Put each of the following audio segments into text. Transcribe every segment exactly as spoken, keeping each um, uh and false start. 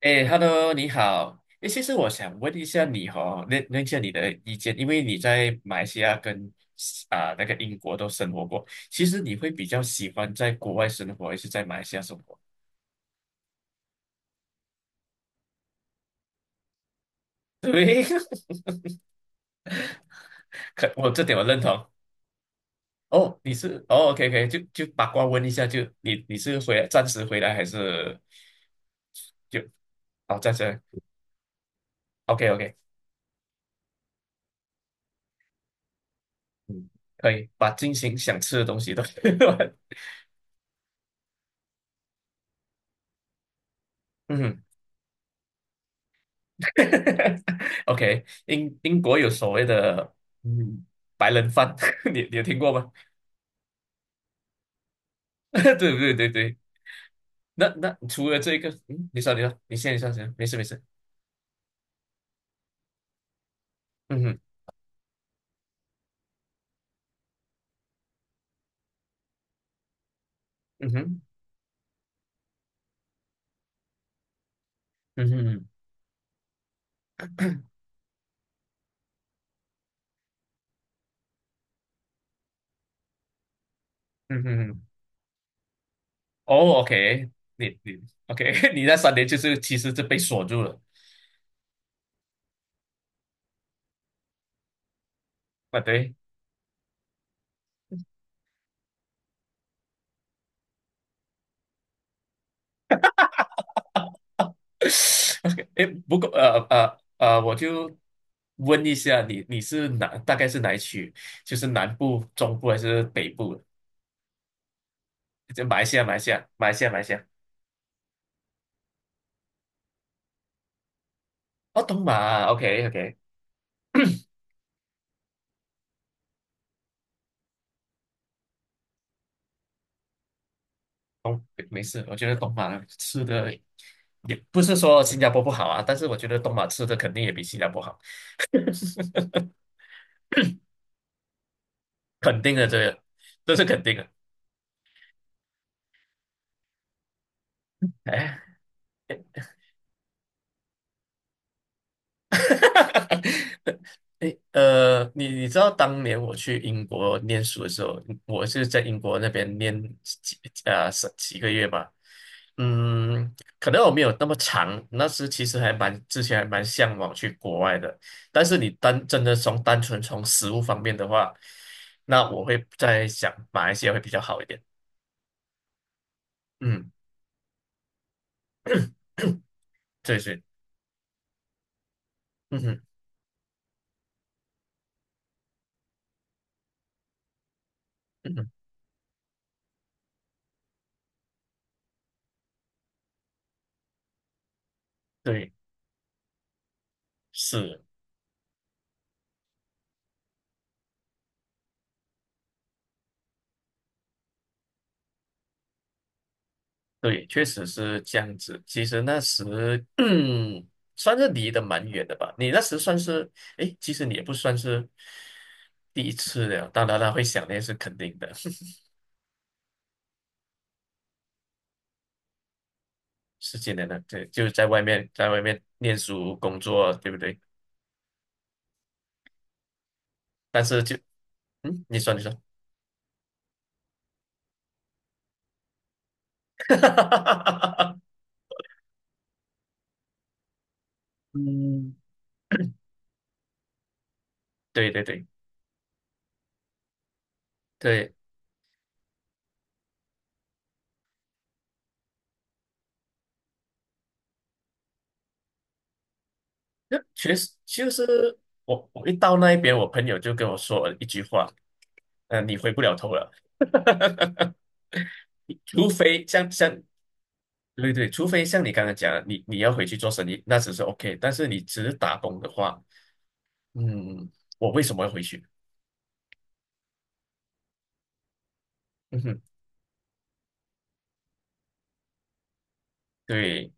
哎，Hello，你好。哎，其实我想问一下你哦，问问一下你的意见，因为你在马来西亚跟啊、那个英国都生活过，其实你会比较喜欢在国外生活，还是在马来西亚生活？对，可我这点我认同。哦，你是哦，OK OK，就就八卦问一下，就你你是回来暂时回来还是就哦暂时？OK OK，嗯，可以把进行想吃的东西都 嗯 OK，英英国有所谓的嗯白人饭，你你有听过吗？对对对对，那那除了这个，嗯，你说你说，你先你说先，没事没事，嗯哼嗯哼嗯哼嗯哼，哦，OK，你你 OK，你那三年就是其实就被锁住了啊，对 ，OK，哎，不过呃呃呃，我就问一下你你是哪大概是哪一区？就是南部、中部还是北部？就马来西亚马来西亚马来西亚马来西亚哦，东马，OK OK，东没事，我觉得东马吃的也不是说新加坡不好啊，但是我觉得东马吃的肯定也比新加坡好，肯定的这个，这是肯定的。哎 哈哈哈！诶，呃，你你知道当年我去英国念书的时候，我是在英国那边念几呃是几个月吧，嗯，可能我没有那么长，那时其实还蛮之前还蛮向往去国外的，但是你单真的从单纯从食物方面的话，那我会在想马来西亚会比较好一点，嗯，对对，嗯哼，嗯哼，对，是。对，确实是这样子。其实那时，嗯，算是离得蛮远的吧。你那时算是，诶，其实你也不算是第一次了。当然了，会想念是肯定的，十几年了，对，就是在外面，在外面念书、工作，对不对？但是就，嗯，你说，你说，嗯，对对对对，那确实就是我，我一到那一边，我朋友就跟我说了一句话，嗯、你回不了头了。除非像像对对，除非像你刚刚讲的，你你要回去做生意，那只是 OK。但是你只是打工的话，嗯，我为什么要回去？嗯哼，对，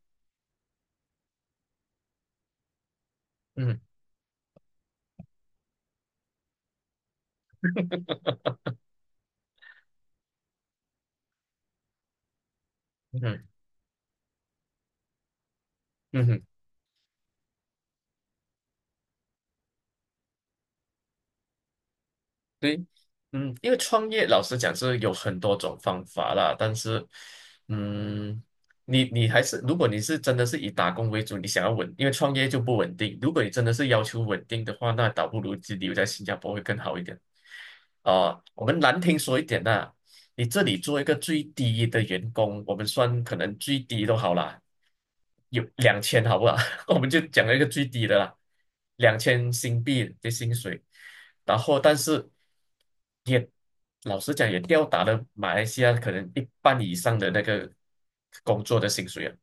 嗯嗯哼嗯哼。对，嗯，因为创业老实讲是有很多种方法啦，但是，嗯，你你还是如果你是真的是以打工为主，你想要稳，因为创业就不稳定。如果你真的是要求稳定的话，那倒不如就留在新加坡会更好一点。啊、我们难听说一点呐、你这里做一个最低的员工，我们算可能最低都好啦，有两千好不好？我们就讲了一个最低的啦，两千新币的薪水，然后但是也老实讲也吊打了马来西亚可能一半以上的那个工作的薪水啊，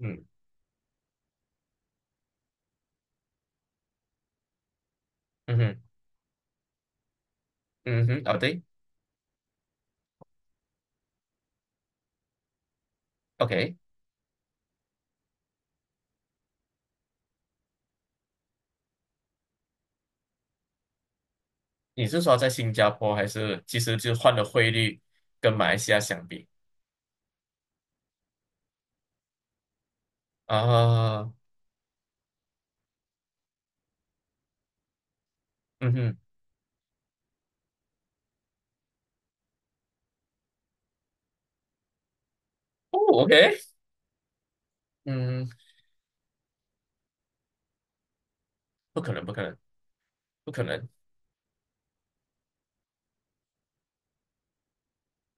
嗯嗯哼嗯哼，哦对，OK，你是说在新加坡还是其实就换了汇率跟马来西亚相比啊？嗯哼，哦，OK，嗯，不可能不可能不可能，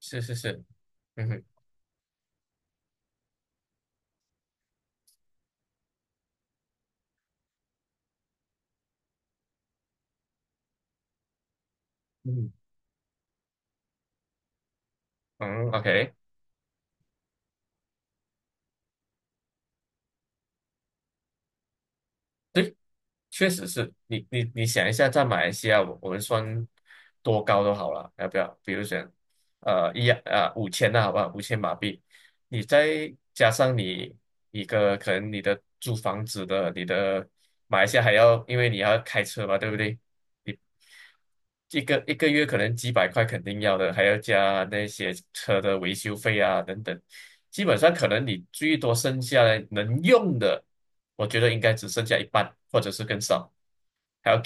是是是，嗯哼嗯哼嗯，OK。对。确实是你你你想一下，在马来西亚，我我们算多高都好了，要不要？比如讲，呃，一啊五千那好吧，五千马币，你再加上你一个可能你的租房子的，你的马来西亚还要，因为你要开车嘛，对不对？你一个一个月可能几百块肯定要的，还要加那些车的维修费啊等等，基本上可能你最多剩下来能用的，我觉得应该只剩下一半，或者是更少。还要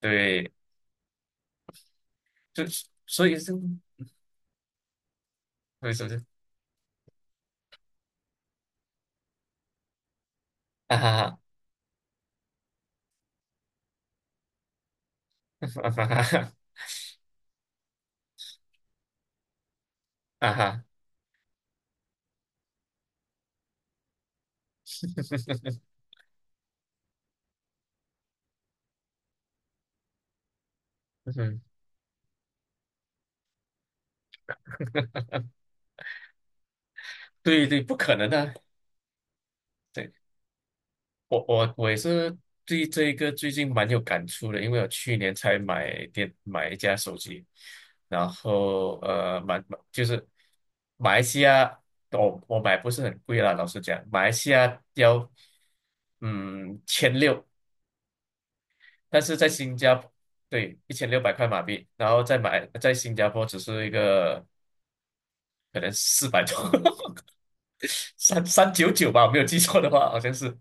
对，就是所以是为什么是啊哈哈啊哈哈啊哈，嗯，对对，不可能的。对，我我我也是对这个最近蛮有感触的，因为我去年才买电买一架手机，然后呃蛮就是马来西亚，我我买不是很贵啦，老实讲，马来西亚要嗯千六但是在新加坡，对，一千六百块马币，然后再买，在新加坡只是一个可能四百多，三三九九吧，我没有记错的话，好像是，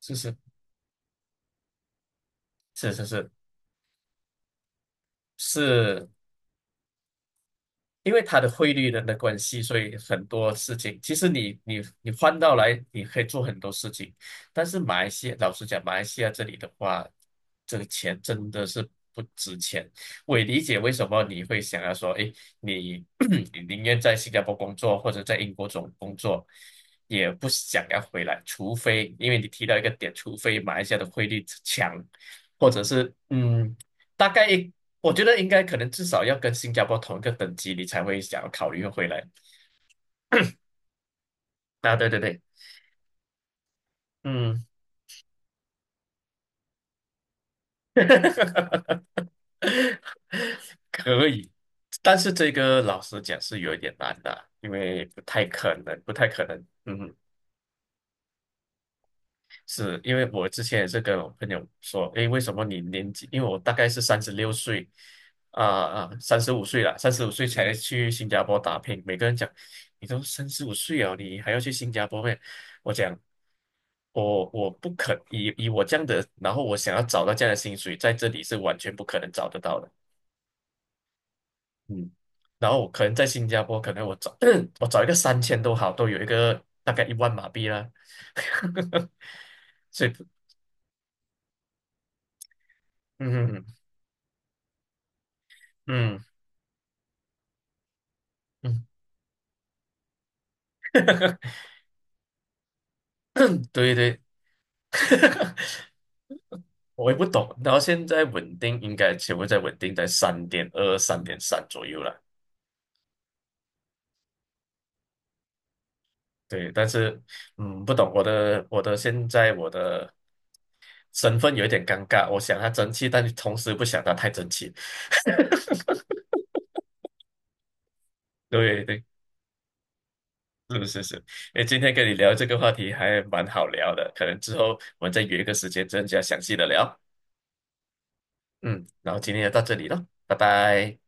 是是是是是是，因为它的汇率的的关系，所以很多事情，其实你你你换到来，你可以做很多事情。但是马来西亚，老实讲，马来西亚这里的话，这个钱真的是不值钱。我也理解为什么你会想要说，哎，你 你宁愿在新加坡工作或者在英国总工作，也不想要回来，除非因为你提到一个点，除非马来西亚的汇率强，或者是嗯。大概我觉得应该可能至少要跟新加坡同一个等级，你才会想要考虑回来。啊，对对对，嗯，可以。但是这个老实讲是有一点难的，因为不太可能，不太可能。嗯是因为我之前也是跟我朋友说，诶，为什么你年纪？因为我大概是三十六岁，啊、啊，三十五岁了，三十五岁才去新加坡打拼。每个人讲，你都三十五岁了，你还要去新加坡咩？我讲，我我不可以以我这样的，然后我想要找到这样的薪水，在这里是完全不可能找得到的。嗯，然后我可能在新加坡，可能我找 我找一个三千都好，都有一个大概一万马币啦。所以，嗯。嗯嗯嗯嗯，对对，我也不懂。然后现在稳定应该全部在稳定在三点二、三点三左右了。对，但是嗯，不懂我的我的现在我的身份有一点尴尬，我想他争气，但同时不想他太争气。对对，是是是。诶，今天跟你聊这个话题还蛮好聊的，可能之后我们再约一个时间更加详细的聊。嗯，然后今天就到这里了，拜拜。